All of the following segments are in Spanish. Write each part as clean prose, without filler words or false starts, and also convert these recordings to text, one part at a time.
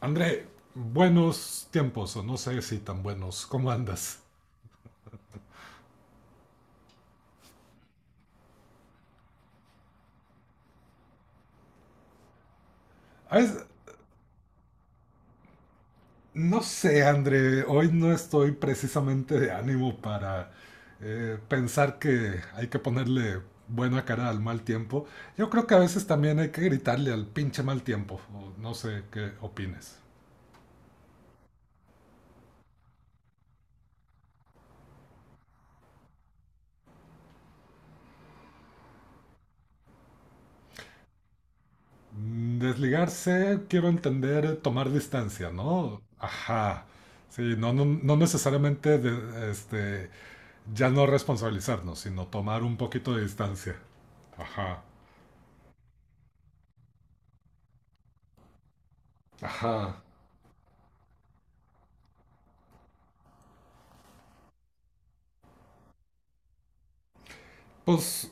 André, buenos tiempos, o no sé si tan buenos. ¿Cómo andas? A veces- no sé, André, hoy no estoy precisamente de ánimo para pensar que hay que ponerle buena cara al mal tiempo. Yo creo que a veces también hay que gritarle al pinche mal tiempo, o no sé qué opines. Mm, desligarse, quiero entender, tomar distancia, ¿no? Ajá. Sí, no, no, no necesariamente ya no responsabilizarnos, sino tomar un poquito de distancia. Ajá. Ajá. Pues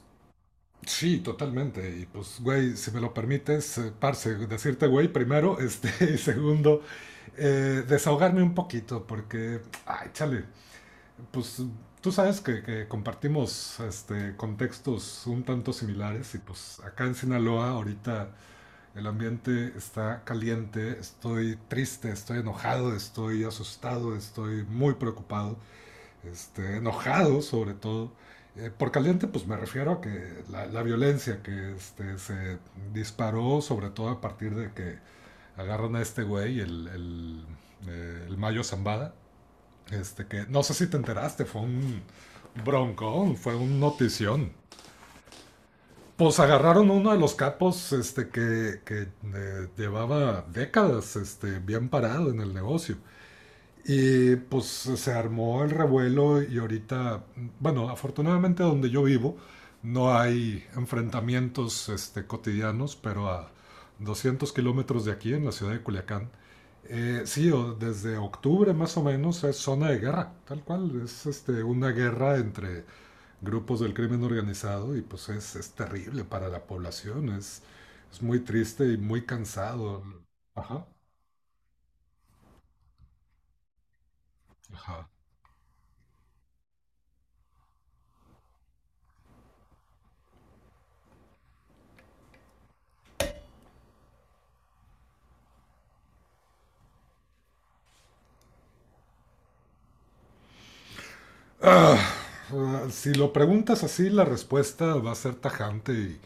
sí, totalmente. Y pues, güey, si me lo permites, parce, decirte, güey, primero, y segundo, desahogarme un poquito, porque, ay, chale, pues tú sabes que compartimos contextos un tanto similares y pues acá en Sinaloa ahorita el ambiente está caliente, estoy triste, estoy enojado, estoy asustado, estoy muy preocupado, enojado sobre todo. Por caliente, pues me refiero a que la violencia que se disparó, sobre todo a partir de que agarran a este güey, el Mayo Zambada, este que no sé si te enteraste, fue un broncón, fue un notición. Pues agarraron uno de los capos este, que llevaba décadas este, bien parado en el negocio. Y pues se armó el revuelo y ahorita, bueno, afortunadamente donde yo vivo no hay enfrentamientos este, cotidianos, pero a 200 kilómetros de aquí, en la ciudad de Culiacán, sí, desde octubre más o menos es zona de guerra, tal cual, es este, una guerra entre grupos del crimen organizado y pues es terrible para la población, es muy triste y muy cansado. Ajá, ajá. Ah, si lo preguntas así, la respuesta va a ser tajante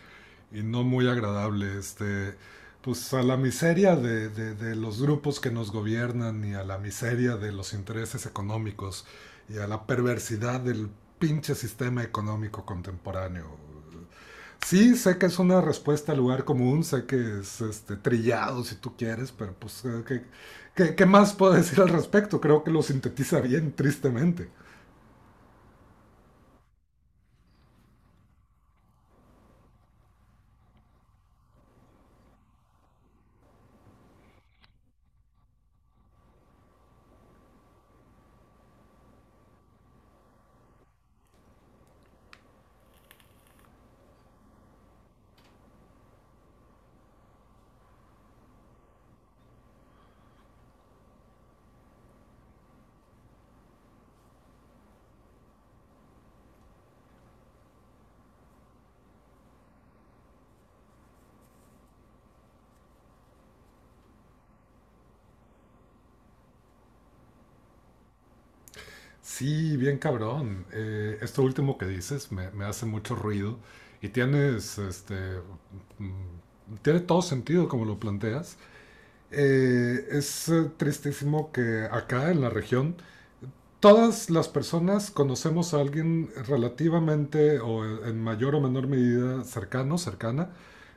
y no muy agradable. Este, pues a la miseria de los grupos que nos gobiernan y a la miseria de los intereses económicos y a la perversidad del pinche sistema económico contemporáneo. Sí, sé que es una respuesta al lugar común, sé que es este, trillado si tú quieres, pero pues ¿qué más puedo decir al respecto? Creo que lo sintetiza bien, tristemente. Sí, bien cabrón. Esto último que dices me hace mucho ruido y tienes, este, mm, tiene todo sentido como lo planteas. Es tristísimo que acá en la región todas las personas conocemos a alguien relativamente o en mayor o menor medida cercano, cercana,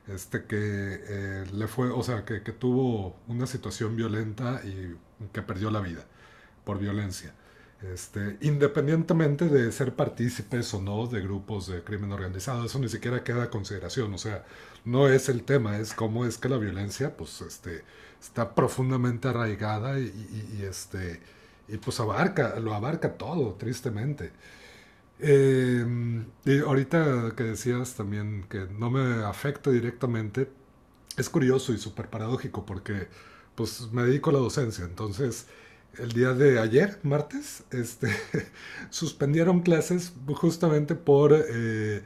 este que le fue, o sea, que tuvo una situación violenta y que perdió la vida por violencia. Este, independientemente de ser partícipes o no de grupos de crimen organizado, eso ni siquiera queda a consideración, o sea, no es el tema, es cómo es que la violencia pues, este, está profundamente arraigada y y pues abarca, lo abarca todo, tristemente. Y ahorita que decías también que no me afecta directamente, es curioso y súper paradójico porque pues me dedico a la docencia, entonces el día de ayer, martes, este, suspendieron clases justamente por eh,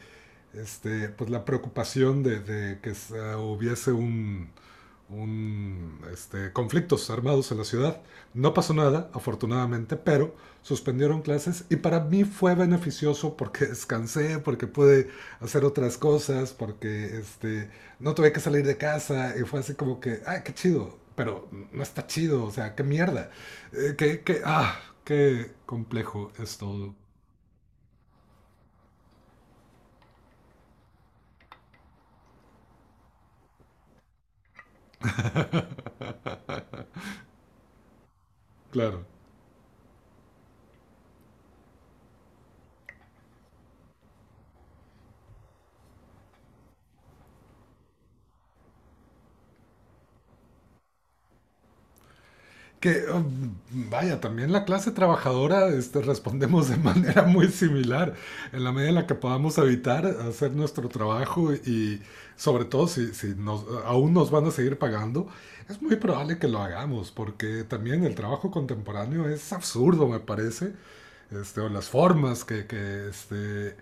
este, pues la preocupación de que hubiese conflictos armados en la ciudad. No pasó nada, afortunadamente, pero suspendieron clases y para mí fue beneficioso porque descansé, porque pude hacer otras cosas, porque este, no tuve que salir de casa y fue así como que, ay, qué chido, pero no está chido, o sea, qué mierda, qué complejo es todo. Claro. Que oh, vaya, también la clase trabajadora este, respondemos de manera muy similar, en la medida en la que podamos evitar hacer nuestro trabajo y sobre todo si nos, aún nos van a seguir pagando, es muy probable que lo hagamos, porque también el trabajo contemporáneo es absurdo, me parece, este, o las formas que, que este,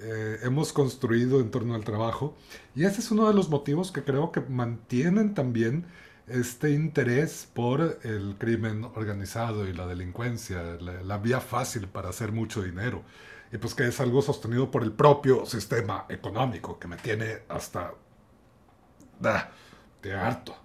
eh, hemos construido en torno al trabajo. Y ese es uno de los motivos que creo que mantienen también este interés por el crimen organizado y la delincuencia, vía fácil para hacer mucho dinero. Y pues que es algo sostenido por el propio sistema económico, que me tiene hasta da, de harto.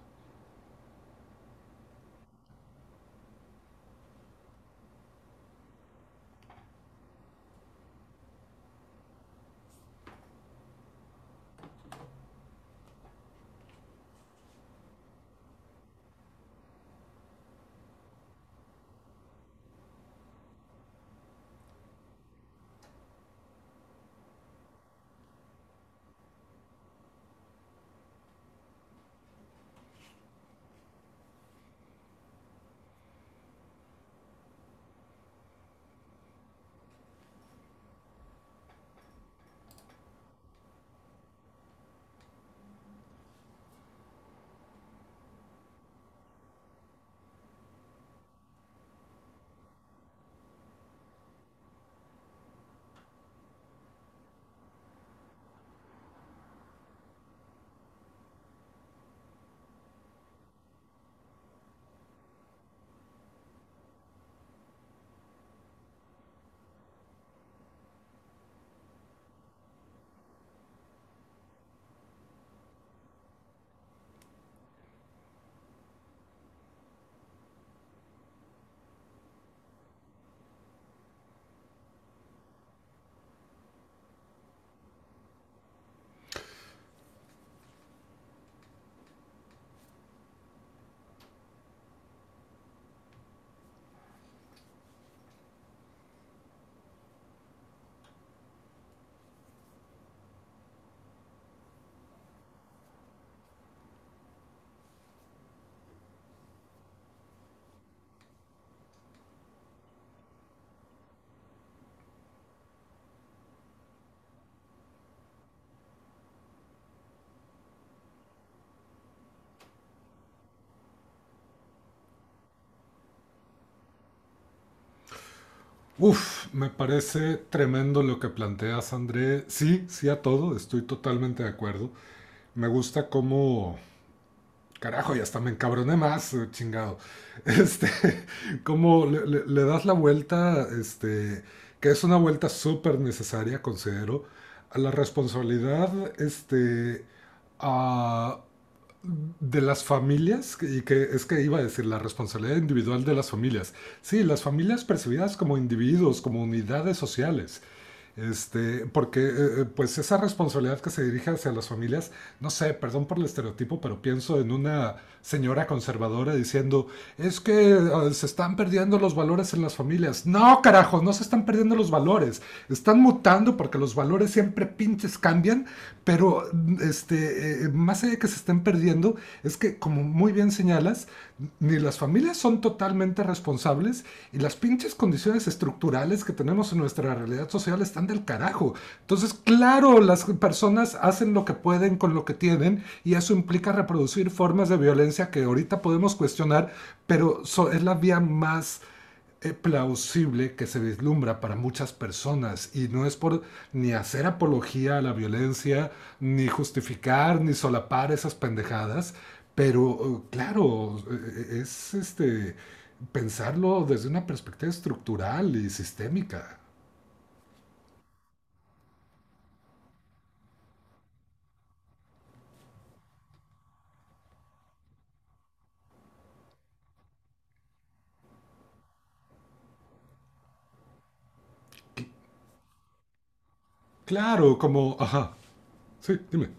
Uf, me parece tremendo lo que planteas, André. Sí, sí a todo, estoy totalmente de acuerdo. Me gusta cómo carajo, y hasta me encabroné más, chingado. Este, como le das la vuelta, este, que es una vuelta súper necesaria, considero, a la responsabilidad, este, a- de las familias, y que es que iba a decir, la responsabilidad individual de las familias. Sí, las familias percibidas como individuos, como unidades sociales. Este, porque pues esa responsabilidad que se dirige hacia las familias no sé, perdón por el estereotipo, pero pienso en una señora conservadora diciendo, es que se están perdiendo los valores en las familias. No, carajo, no se están perdiendo los valores. Están mutando porque los valores siempre pinches cambian, pero más allá de que se estén perdiendo, es que como muy bien señalas, ni las familias son totalmente responsables y las pinches condiciones estructurales que tenemos en nuestra realidad social están del carajo. Entonces, claro, las personas hacen lo que pueden con lo que tienen y eso implica reproducir formas de violencia que ahorita podemos cuestionar, pero so es la vía más plausible que se vislumbra para muchas personas y no es por ni hacer apología a la violencia, ni justificar, ni solapar esas pendejadas, pero es este pensarlo desde una perspectiva estructural y sistémica. Claro, como, ajá, sí, dime.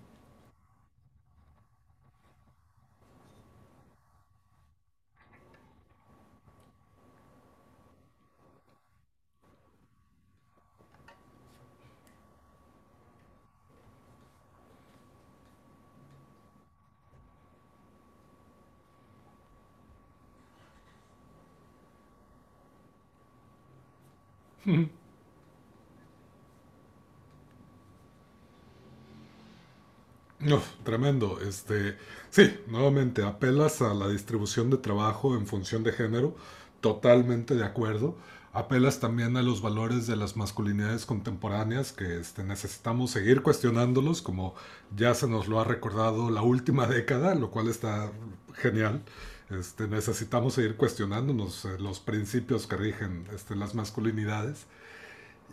Uf, tremendo. Este, sí, nuevamente apelas a la distribución de trabajo en función de género, totalmente de acuerdo. Apelas también a los valores de las masculinidades contemporáneas que este, necesitamos seguir cuestionándolos, como ya se nos lo ha recordado la última década, lo cual está genial. Este, necesitamos seguir cuestionándonos los principios que rigen este, las masculinidades.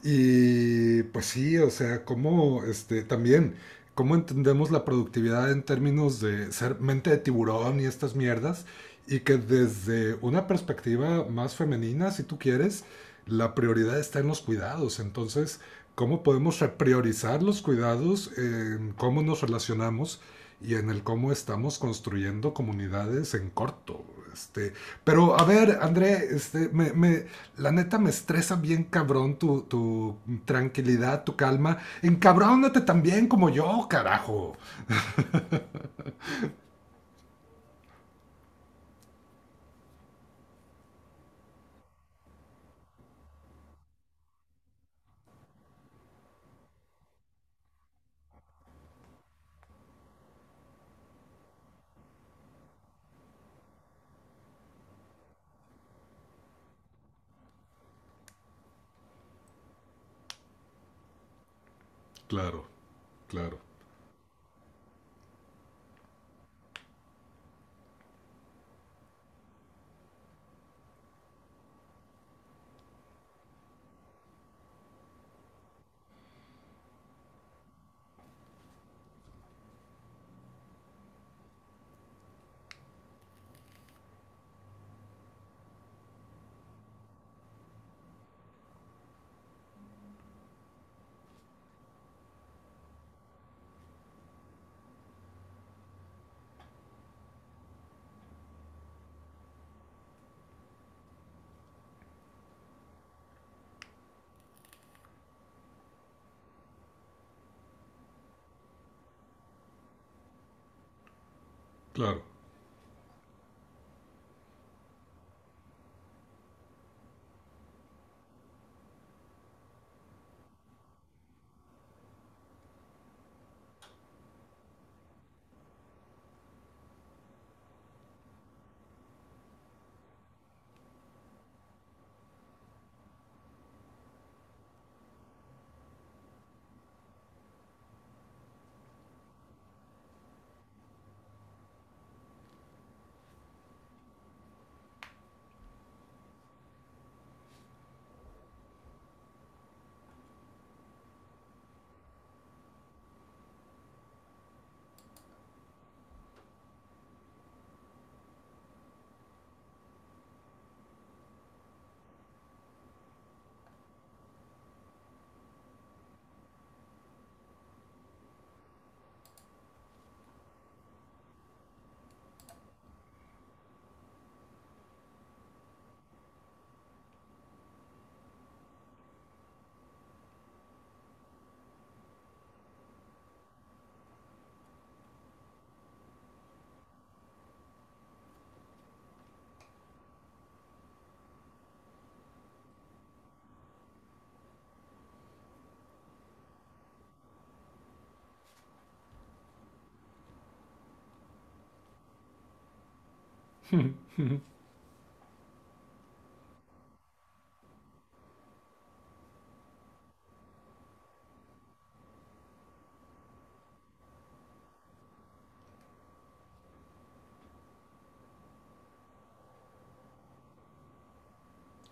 Y pues sí, o sea, cómo este, también, cómo entendemos la productividad en términos de ser mente de tiburón y estas mierdas, y que desde una perspectiva más femenina, si tú quieres, la prioridad está en los cuidados. Entonces, cómo podemos repriorizar los cuidados en cómo nos relacionamos y en el cómo estamos construyendo comunidades en corto. Este, pero a ver, André, este, la neta me estresa bien cabrón tu tranquilidad, tu calma. Encabrónate también como yo, carajo. Claro, claro, claro,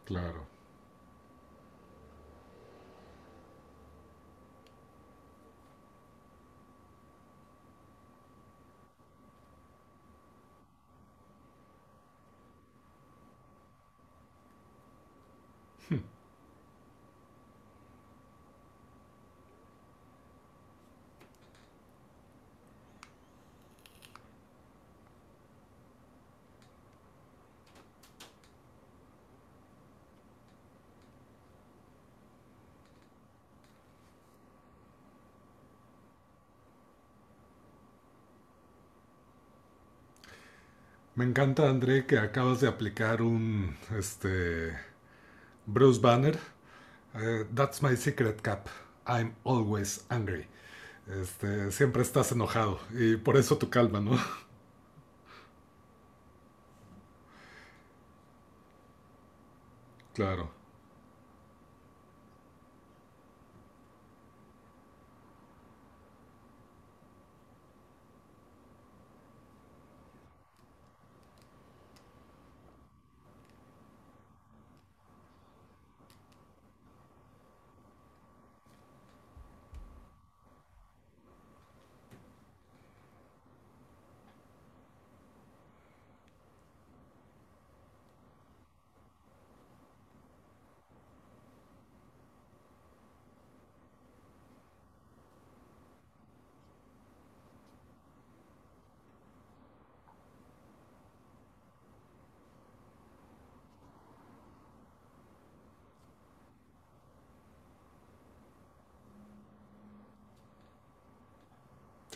claro. Me encanta, André, que acabas de aplicar un, este, Bruce Banner. That's my secret cap. I'm always angry. Este, siempre estás enojado y por eso tu calma, ¿no? Claro.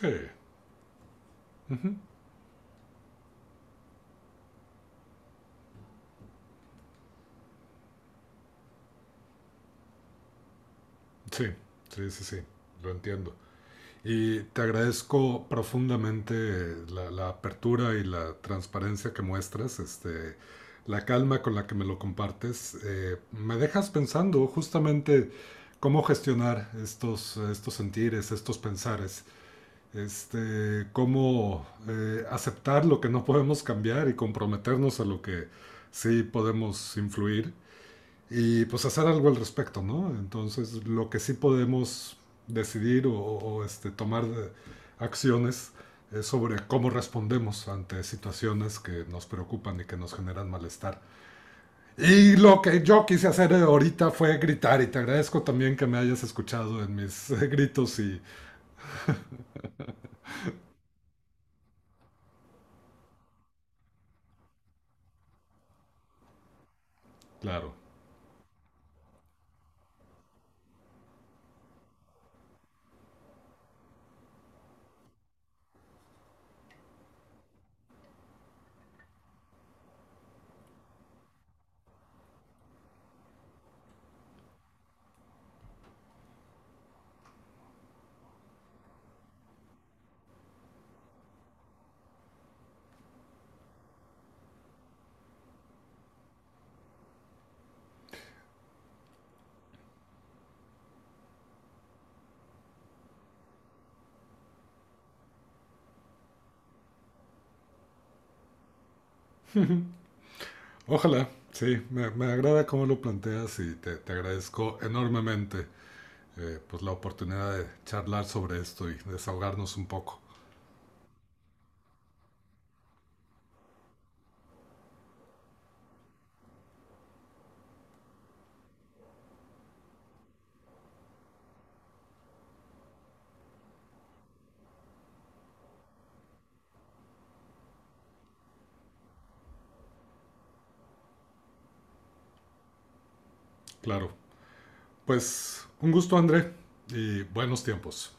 Sí. Ujú. Sí, sí, sí, sí. Lo entiendo. Y te agradezco profundamente apertura y la transparencia que muestras, este, la calma con la que me lo compartes. Me dejas pensando justamente cómo gestionar estos sentires, estos pensares, este, cómo aceptar lo que no podemos cambiar y comprometernos a lo que sí podemos influir y pues hacer algo al respecto, ¿no? Entonces, lo que sí podemos decidir o este, acciones es sobre cómo respondemos ante situaciones que nos preocupan y que nos generan malestar. Y lo que yo quise hacer ahorita fue gritar y te agradezco también que me hayas escuchado en mis gritos y claro, ojalá, sí, me agrada cómo lo planteas y te agradezco enormemente pues la oportunidad de charlar sobre esto y desahogarnos un poco. Claro. Pues un gusto, André, y buenos tiempos.